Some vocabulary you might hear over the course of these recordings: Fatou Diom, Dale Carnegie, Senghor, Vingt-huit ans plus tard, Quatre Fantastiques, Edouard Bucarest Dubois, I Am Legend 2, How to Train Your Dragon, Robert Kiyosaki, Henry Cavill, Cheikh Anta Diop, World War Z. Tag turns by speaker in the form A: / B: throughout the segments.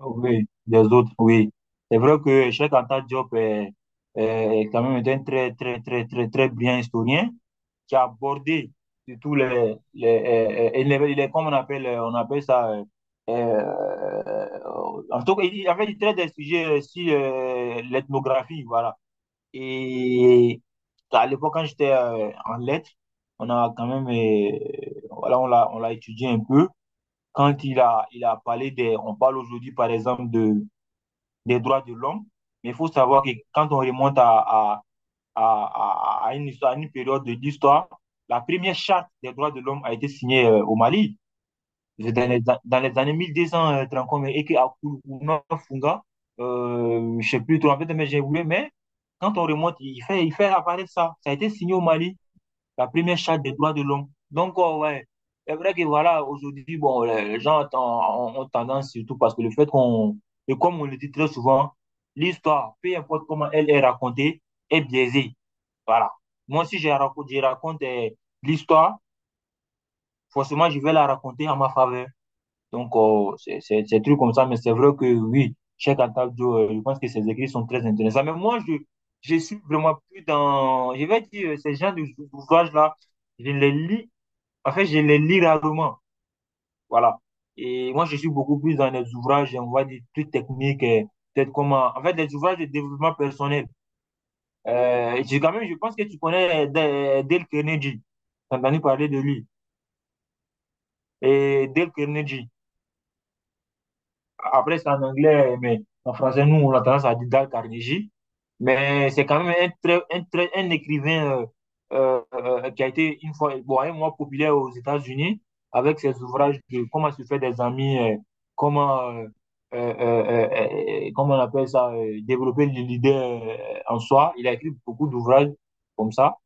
A: Oui, des autres, oui. C'est vrai que Cheikh Anta Diop est quand même un très, très, très, très, très brillant historien qui a abordé tous les il est, il est, comme on appelle ça, euh, en tout cas, il- en il traite des sujets sur l'ethnographie, voilà. Et à l'époque, quand j'étais en lettres, on a quand même, voilà, on l'a étudié un peu. Quand il a parlé des, on parle aujourd'hui, par exemple, de des droits de l'homme. Mais il faut savoir que quand on remonte à une, histoire, à une période de l'histoire, la première charte des droits de l'homme a été signée au Mali dans les années 1230 et que à Funga, je ne sais plus trop en fait, mais j'ai oublié, mais quand on remonte, il fait apparaître ça. Ça a été signé au Mali la première charte des droits de l'homme. Donc, ouais, c'est vrai que voilà, aujourd'hui, bon, les gens ont tendance, surtout parce que le fait qu'on, et comme on le dit très souvent, l'histoire, peu importe comment elle est racontée, est biaisée. Voilà. Moi, si je raconte, je raconte l'histoire, forcément, je vais la raconter en ma faveur. Donc, c'est des comme ça, mais c'est vrai que oui, Cheikh Anta Diop, je pense que ses écrits sont très intéressants. Mais je suis vraiment plus dans, je vais dire, ces gens d'ouvrages-là, je les lis en fait, je les lis rarement. Voilà. Et moi, je suis beaucoup plus dans les ouvrages, on va dire, plus techniques, peut-être comment. En fait, les ouvrages de développement personnel. Et j'ai quand même, je pense que tu connais Dale Carnegie. T'as entendu parler de lui. Et Dale Carnegie. Après, c'est en anglais, mais en français, nous, on a tendance à dire Dale Carnegie. Mais c'est quand même un très un écrivain qui a été une fois, bon, un mois populaire aux États-Unis avec ses ouvrages de Comment se faire des amis, comment, euh, comment on appelle ça, développer l'idée en soi. Il a écrit beaucoup d'ouvrages comme ça.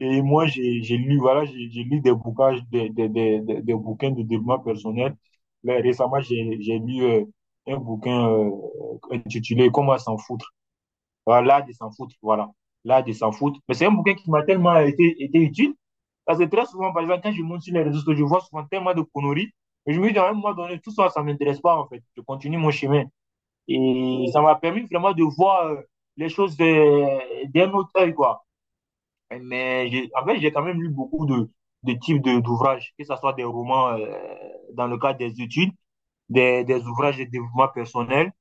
A: Et moi, j'ai lu, voilà, j'ai lu des bouquins, des bouquins de développement personnel. Là, récemment, j'ai lu un bouquin intitulé Comment s'en foutre. Voilà, l'art de s'en foutre, voilà. L'art de s'en foutre. Mais c'est un bouquin qui m'a tellement été, été utile. Parce que très souvent, par exemple, quand je monte sur les réseaux sociaux, je vois souvent tellement de conneries. Et je me dis, à un moment donné, tout ça, ça ne m'intéresse pas, en fait. Je continue mon chemin. Et ça m'a permis vraiment de voir les choses d'un autre œil, quoi. En fait, j'ai quand même lu beaucoup de types de, d'ouvrages, que ce soit des romans dans le cadre des études, des ouvrages de développement personnel,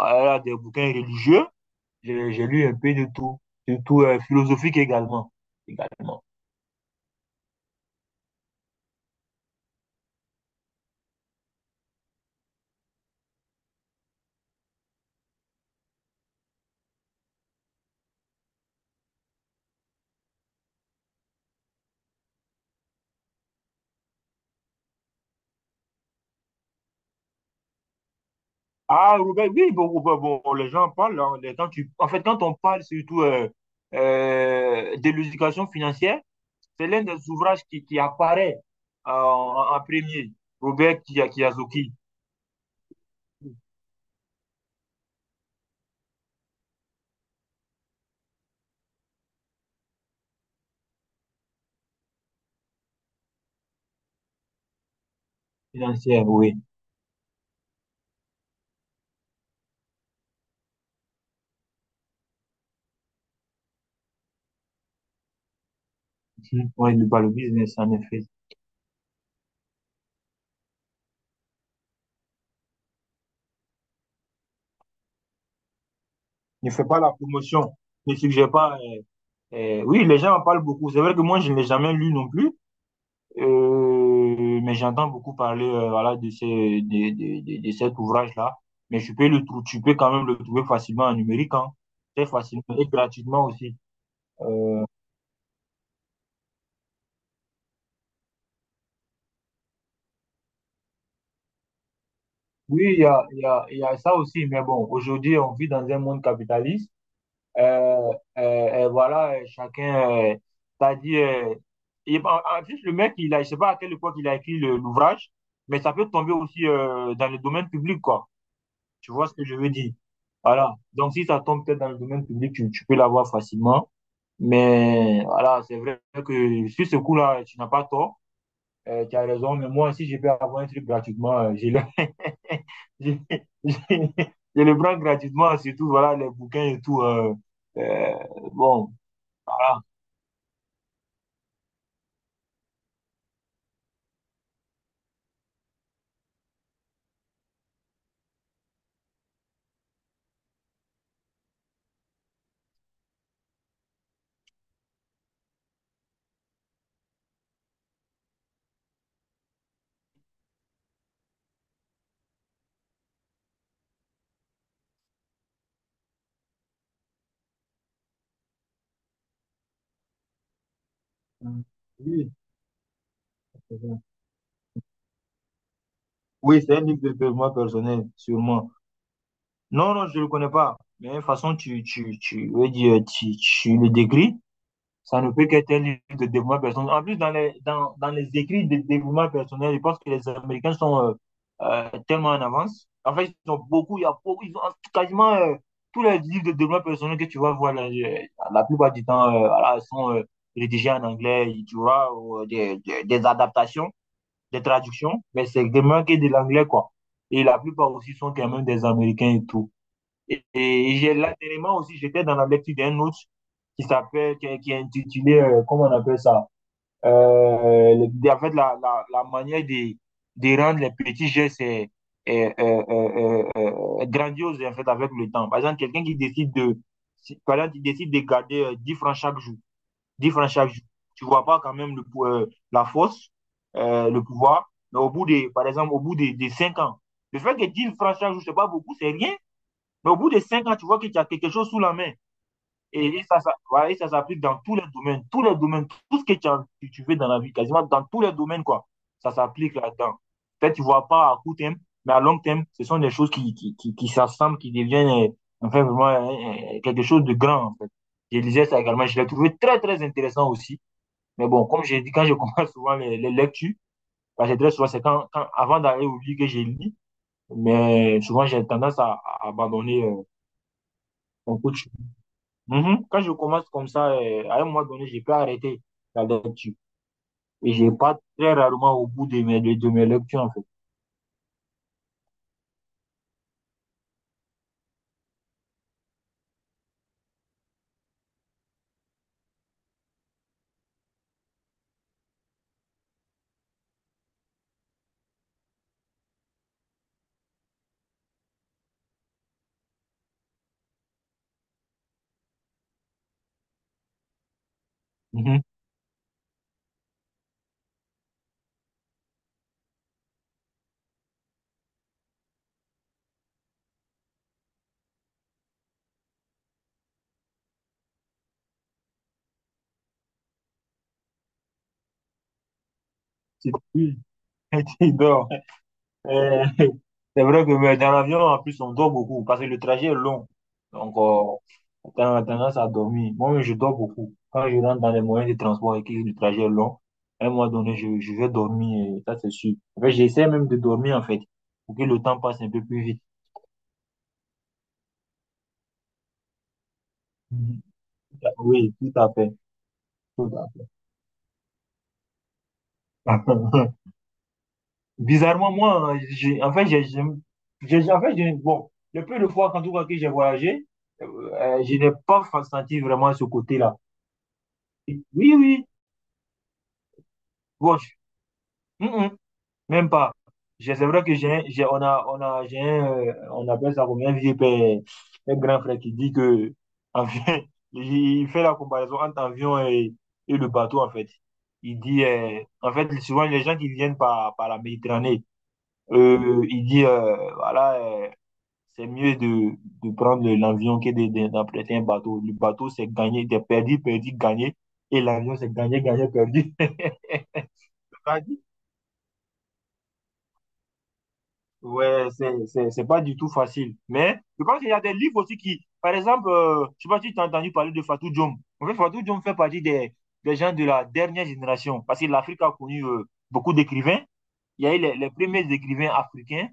A: des bouquins religieux. J'ai lu un peu de tout, surtout philosophique également, également. Ah, Robert, oui, bon, bon, bon, bon, bon, les gens parlent, hein, quand tu, en fait, quand on parle surtout de l'éducation financière, c'est l'un des ouvrages qui apparaît en, en premier, Robert Kiyosaki, financière, oui. Oui, le, bah, le business, en effet. Ne fais pas la promotion. Ne suggère pas. Oui, les gens en parlent beaucoup. C'est vrai que moi, je ne l'ai jamais lu non plus. Mais j'entends beaucoup parler voilà, de, ces, de cet ouvrage-là. Mais tu peux, tu peux quand même le trouver facilement en numérique. Hein. Très facilement et gratuitement aussi. Euh, oui, il y a ça aussi. Mais bon, aujourd'hui, on vit dans un monde capitaliste. Euh, euh, voilà, chacun, t'as dit, en, en plus, le mec, il a, je sais pas à quelle époque il a écrit l'ouvrage, mais ça peut tomber aussi dans le domaine public, quoi. Tu vois ce que je veux dire? Voilà. Donc, si ça tombe peut-être dans le domaine public, tu peux l'avoir facilement. Mais voilà, c'est vrai que sur ce coup-là, tu n'as pas tort. Tu as raison. Mais moi, si je peux avoir un truc gratuitement, je, je- je le prends gratuitement, surtout, voilà, les bouquins et tout. Euh, bon. Ah, oui, oui, c'est un livre de développement personnel, sûrement. Non, non, je ne le connais pas. Mais de toute façon, veux dire, tu le décris. Ça ne peut qu'être un livre de développement personnel. En plus, dans les écrits de développement personnel, je pense que les Américains sont tellement en avance. En fait, ils ont beaucoup, il y a beaucoup, ils ont quasiment tous les livres de développement personnel que tu vas voir, là, la plupart du temps, voilà, sont rédigés en anglais, tu vois, ou, des adaptations, des traductions, mais c'est vraiment que de l'anglais, quoi. Et la plupart aussi sont quand même des Américains et tout. Et j'ai là, aussi, j'étais dans la lecture d'un autre qui s'appelle, qui est intitulé, comment on appelle ça? En fait, la manière de rendre les petits gestes grandioses, en fait, avec le temps. Par exemple, quelqu'un qui décide de, par exemple, qui décide de garder 10 francs chaque jour 10 francs chaque jour. Tu ne vois pas quand même le, la force, le pouvoir. Mais au bout des, par exemple, au bout des 5 ans, le fait que 10 francs chaque jour, ce n'est pas beaucoup, c'est rien. Mais au bout des 5 ans, tu vois que tu as quelque chose sous la main. Et, voilà, et ça s'applique dans tous les domaines, tout ce que que tu fais dans la vie, quasiment dans tous les domaines, quoi. Ça s'applique là-dedans. Peut-être tu ne vois pas à court terme, mais à long terme, ce sont des choses qui s'assemblent, qui deviennent enfin vraiment quelque chose de grand, en fait. Je lisais ça également, je l'ai trouvé très, très intéressant aussi. Mais bon, comme j'ai dit, quand je commence souvent les lectures, parce que très souvent, c'est avant d'aller au lit que je lis, mais souvent, j'ai tendance à abandonner mon coach. Mm -hmm. Quand je commence comme ça, à un moment donné, je peux arrêter la lecture. Et j'ai pas très rarement au bout de de mes lectures, en fait. Mm -hmm. C'est tout. Et donc, Euh, c'est vrai que mais dans l'avion, en plus, on dort beaucoup parce que le trajet est long. Donc, on a tendance à dormir. Moi, oui, je dors beaucoup. Quand je rentre dans les moyens de transport et que le trajet est long, à un moment donné, je vais dormir, et ça c'est sûr. En fait, j'essaie même de dormir, en fait, pour que le temps passe un peu plus vite. Mhm. Oui, tout à fait. Tout à fait. Bizarrement, moi, j'ai, en fait, j'ai- en fait, j'ai, bon, le peu de fois, en tout cas, que j'ai voyagé, euh, je n'ai pas senti vraiment ce côté-là. Oui, oui, gauche. Mm, mm, même pas. C'est vrai que j'ai, on a, j'ai, un, on appelle ça comme un vieux père, un grand frère qui dit que, en fait, il il fait la comparaison entre avion et le bateau, en fait. Il dit, en fait, souvent, les gens qui viennent par la Méditerranée, il dit, voilà, c'est mieux de prendre l'avion que d'emprunter un bateau. Le bateau, c'est gagner, c'est perdu, perdu, gagné. Et l'avion, c'est gagné, gagné, perdu. Ouais, c'est pas du tout facile. Mais je pense qu'il y a des livres aussi qui, par exemple, je sais pas si tu as entendu parler de Fatou Diom. En fait, Fatou Diom fait partie des gens de la dernière génération parce que l'Afrique a connu beaucoup d'écrivains. Il y a eu les premiers écrivains africains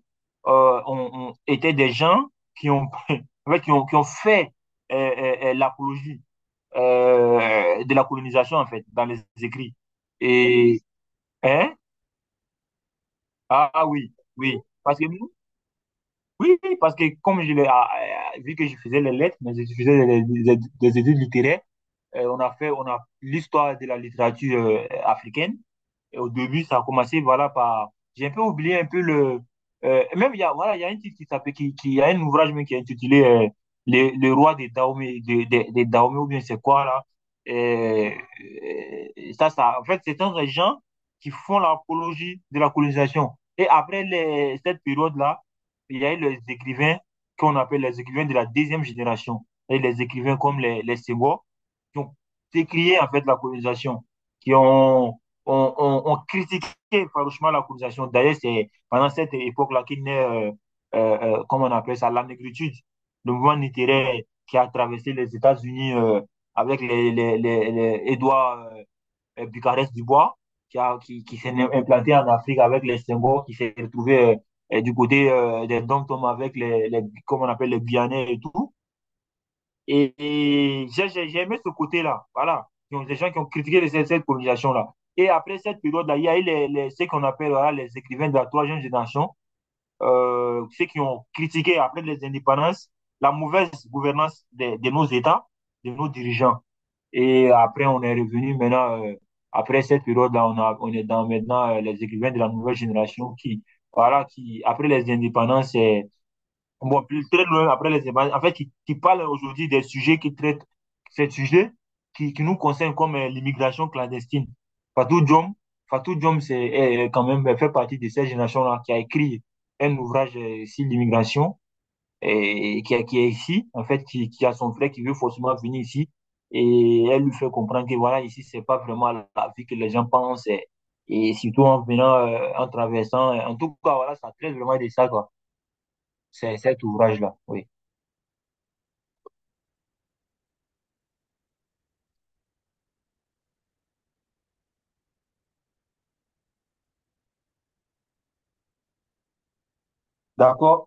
A: étaient des gens qui ont, en fait, qui ont fait l'apologie de la colonisation, en fait, dans les écrits. Et, hein? Ah, ah oui, oui. Parce que oui, oui, parce que comme je l'ai, ah, ah, vu que je faisais les lettres, mais je faisais des, des études littéraires, on a fait, on a l'histoire de la littérature africaine. Et au début, ça a commencé voilà, par. J'ai un peu oublié un peu le. Même, il y a, voilà, il y a un titre qui s'appelle. Il y a un ouvrage même qui est intitulé les rois des Dahomey, des Dahomey, ou bien c'est quoi là. Et, en fait, c'est un des gens qui font l'apologie de la colonisation. Et après les, cette période-là, il y a eu les écrivains qu'on appelle les écrivains de la deuxième génération. Et les écrivains comme les Senghor, qui ont décrié en fait la colonisation, qui ont on critiquait farouchement la colonisation. D'ailleurs, c'est pendant cette époque-là qu'il naît, comment on appelle ça, la négritude, le mouvement littéraire qui a traversé les États-Unis avec les Edouard Bucarest Dubois, qui s'est implanté en Afrique avec les Senghor, qui s'est retrouvé du côté des Dom avec comment on appelle, les Guyanais et tout. Et j'ai ai aimé ce côté-là. Voilà. Donc, les gens qui ont critiqué cette, cette colonisation-là. Et après cette période-là, il y a eu ce qu'on appelle voilà, les écrivains de la troisième génération, ceux qui ont critiqué après les indépendances la mauvaise gouvernance nos États, de nos dirigeants. Et après, on est revenu maintenant, après cette période-là, on est dans maintenant les écrivains de la nouvelle génération qui, voilà, qui après les indépendances, bon, puis très loin après les évangiles. En fait, qui parle aujourd'hui des sujets qui traitent ces sujets qui nous concernent comme l'immigration clandestine. Fatou Diom, Fatou Diom, c'est est quand même fait partie de cette génération-là qui a écrit un ouvrage sur l'immigration et qui est ici, en fait, qui a son frère qui veut forcément venir ici. Et elle lui fait comprendre que voilà, ici, c'est pas vraiment la vie que les gens pensent. Et surtout en venant, en traversant. En tout cas, voilà, ça traite vraiment de ça, quoi. C'est cet ouvrage-là, oui. D'accord?